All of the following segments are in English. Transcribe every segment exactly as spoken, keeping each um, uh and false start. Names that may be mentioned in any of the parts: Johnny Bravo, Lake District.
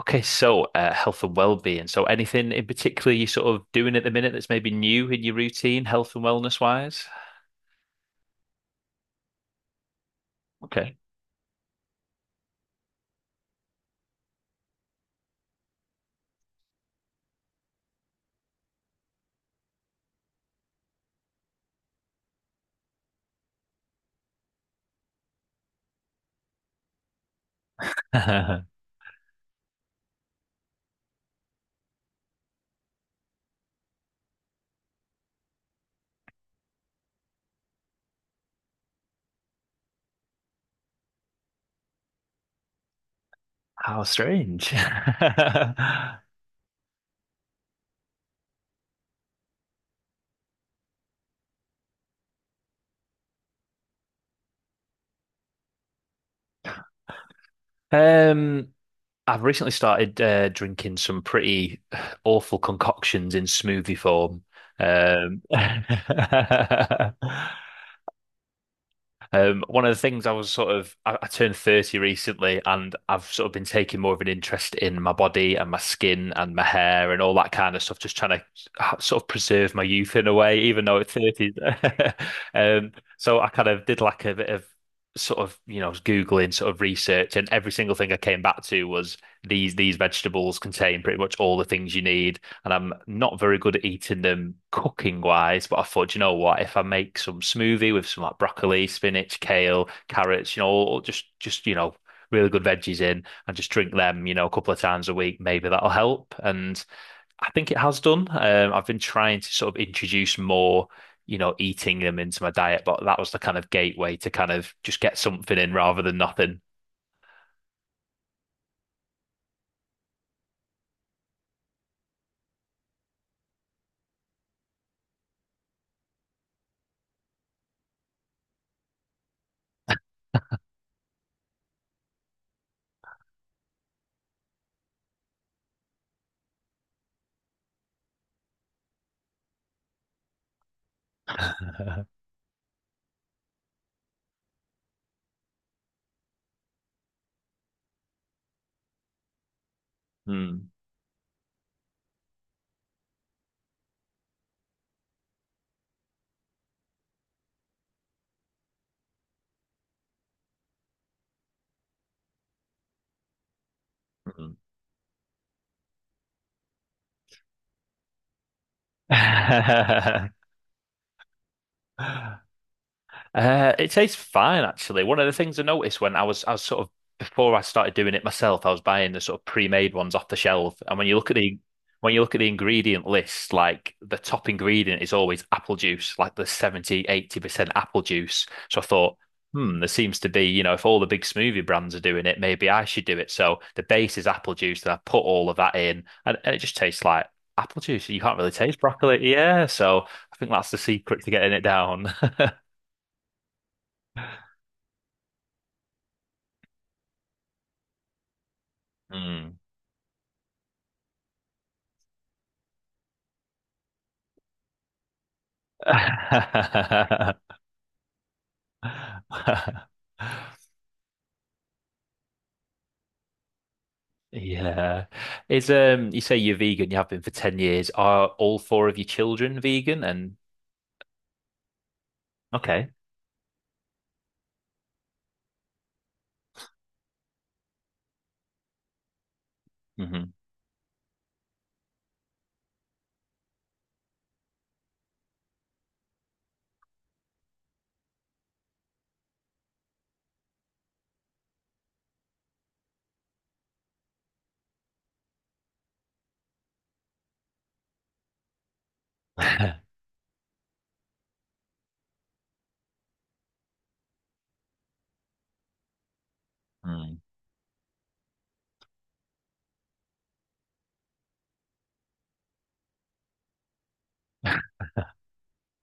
Okay, so uh, health and well-being. So anything in particular you're sort of doing at the minute that's maybe new in your routine, health and wellness wise? Okay. How strange. Um, I've recently started uh, drinking some pretty awful concoctions in smoothie form. Um, Um, one of the things I was sort of, I, I turned thirty recently and I've sort of been taking more of an interest in my body and my skin and my hair and all that kind of stuff, just trying to h- sort of preserve my youth in a way, even though it's thirty. Um, so I kind of did like a bit of sort of, you know, Googling sort of research and every single thing I came back to was these, these vegetables contain pretty much all the things you need and I'm not very good at eating them cooking wise, but I thought, "Do you know what? If I make some smoothie with some like broccoli, spinach, kale, carrots, you know, or just just you know, really good veggies in, and just drink them, you know, a couple of times a week, maybe that'll help. And I think it has done. Um, I've been trying to sort of introduce more. You know, eating them into my diet, but that was the kind of gateway to kind of just get something in rather than nothing. Hmm. Uh, it tastes fine, actually. One of the things I noticed when I was, I was sort of before I started doing it myself, I was buying the sort of pre-made ones off the shelf. And when you look at the when you look at the ingredient list, like the top ingredient is always apple juice, like the seventy, eighty percent apple juice. So I thought, hmm, there seems to be, you know, if all the big smoothie brands are doing it, maybe I should do it. So the base is apple juice, and I put all of that in, and, and it just tastes like apple juice. You can't really taste broccoli. Yeah, so I think that's the secret to getting it down. Hmm. Yeah. Is um you say you're vegan, you have been for ten years. Are all four of your children vegan? And okay. Mm-hmm. Hmm. Mm.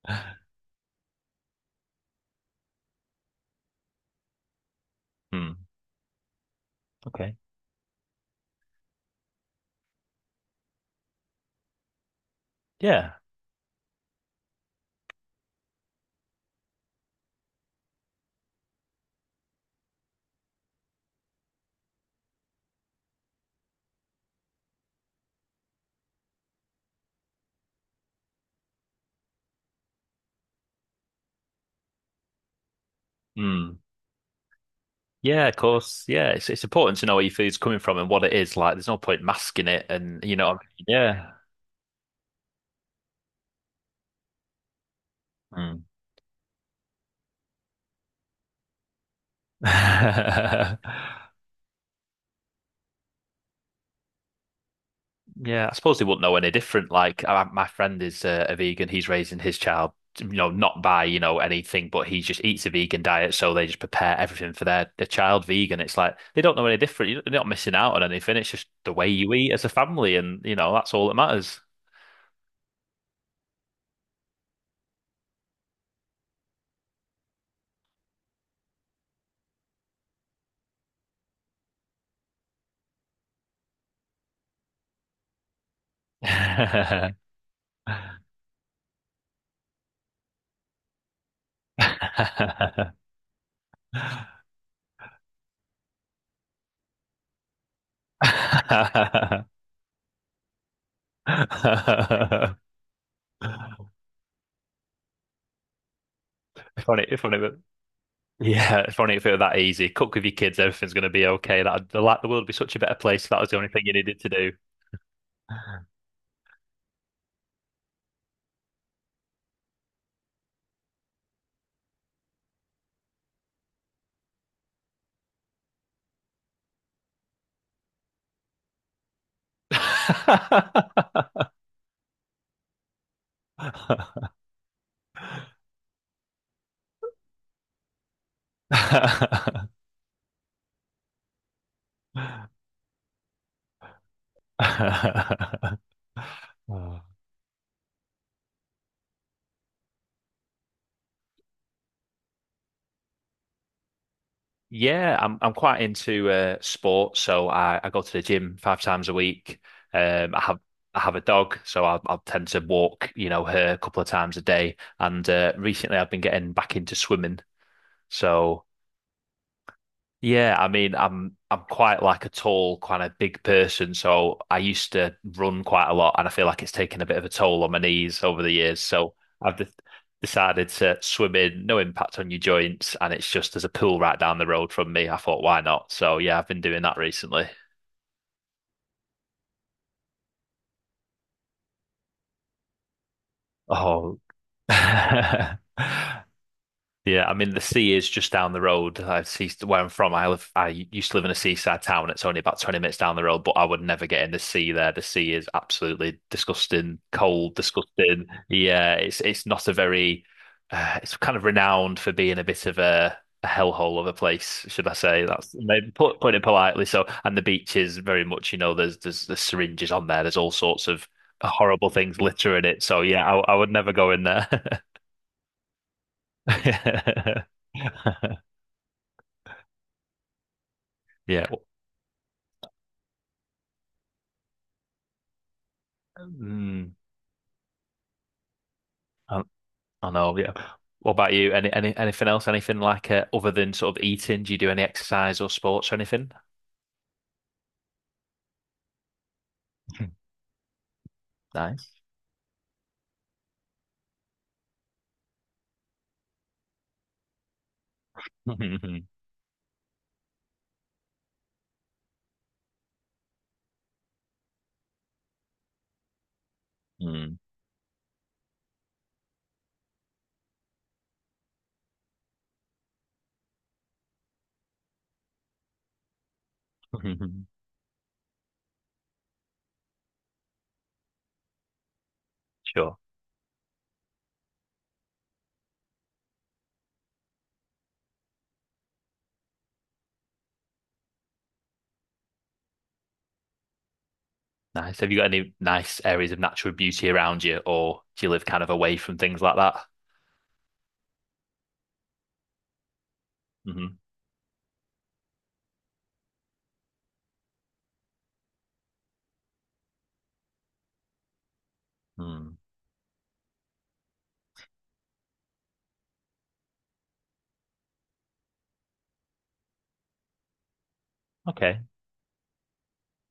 Mm. Okay. Yeah. Mm. Yeah, of course. Yeah, it's it's important to know where your food's coming from and what it is like. There's no point masking it and you know what I mean? Yeah. Mm. Yeah, I suppose they wouldn't know any different. Like I, my friend is uh, a vegan; he's raising his child, you know, not by you know anything, but he just eats a vegan diet, so they just prepare everything for their their child vegan. It's like they don't know any different. You're not missing out on anything. It's just the way you eat as a family, and you know that's all that matters. Funny, funny, yeah, if only if it were that easy. Cook with your kids, everything's going to be okay. That the, la- the world would be such a better place if that was the only thing you needed to do. Yeah, I'm I'm quite into uh, sports, so I, I go to the gym five times a week. Um, I have I have a dog, so I I tend to walk, you know, her a couple of times a day. And uh, recently, I've been getting back into swimming, so. Yeah, I mean, I'm I'm quite like a tall, kind of big person, so I used to run quite a lot, and I feel like it's taken a bit of a toll on my knees over the years. So I've de decided to swim in, no impact on your joints, and it's just there's a pool right down the road from me. I thought, why not? So yeah, I've been doing that recently. Oh. Yeah, I mean the sea is just down the road. I see where I'm from. I live. I used to live in a seaside town. It's only about twenty minutes down the road, but I would never get in the sea there. The sea is absolutely disgusting, cold, disgusting. Yeah, it's it's not a very. Uh, it's kind of renowned for being a bit of a, a hellhole of a place, should I say? That's maybe put put it politely. So, and the beach is very much, you know, there's there's the syringes on there. There's all sorts of horrible things littering it. So yeah, I, I would never go in there. Yeah. Mm, I, I know. Yeah. What about you? Any, any anything else? Anything like uh, other than sort of eating? Do you do any exercise or sports or anything? Nice. Mm. Sure. Nice. Have you got any nice areas of natural beauty around you, or do you live kind of away from things like that? Hmm. Okay.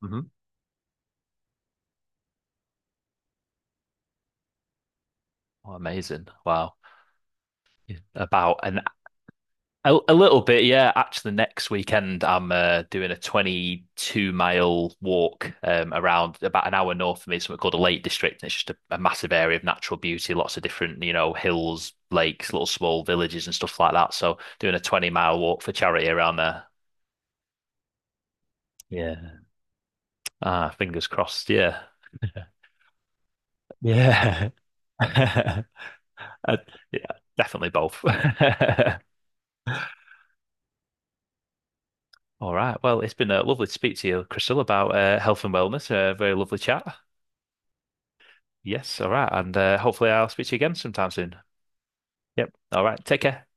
Hmm. Oh, amazing. Wow. Yeah. About an A, a little bit, yeah. Actually, next weekend I'm uh, doing a twenty-two mile walk um, around about an hour north of me, something called the Lake District. And it's just a, a massive area of natural beauty, lots of different, you know, hills, lakes, little small villages and stuff like that. So doing a twenty mile walk for charity around there. Yeah. Ah, fingers crossed. Yeah. Yeah. Uh, yeah, definitely both. All right. Well, it's been uh, lovely to speak to you, Crystal, about uh, health and wellness. Uh, very lovely chat. Yes, all right. And uh, hopefully I'll speak to you again sometime soon. Yep. All right. Take care.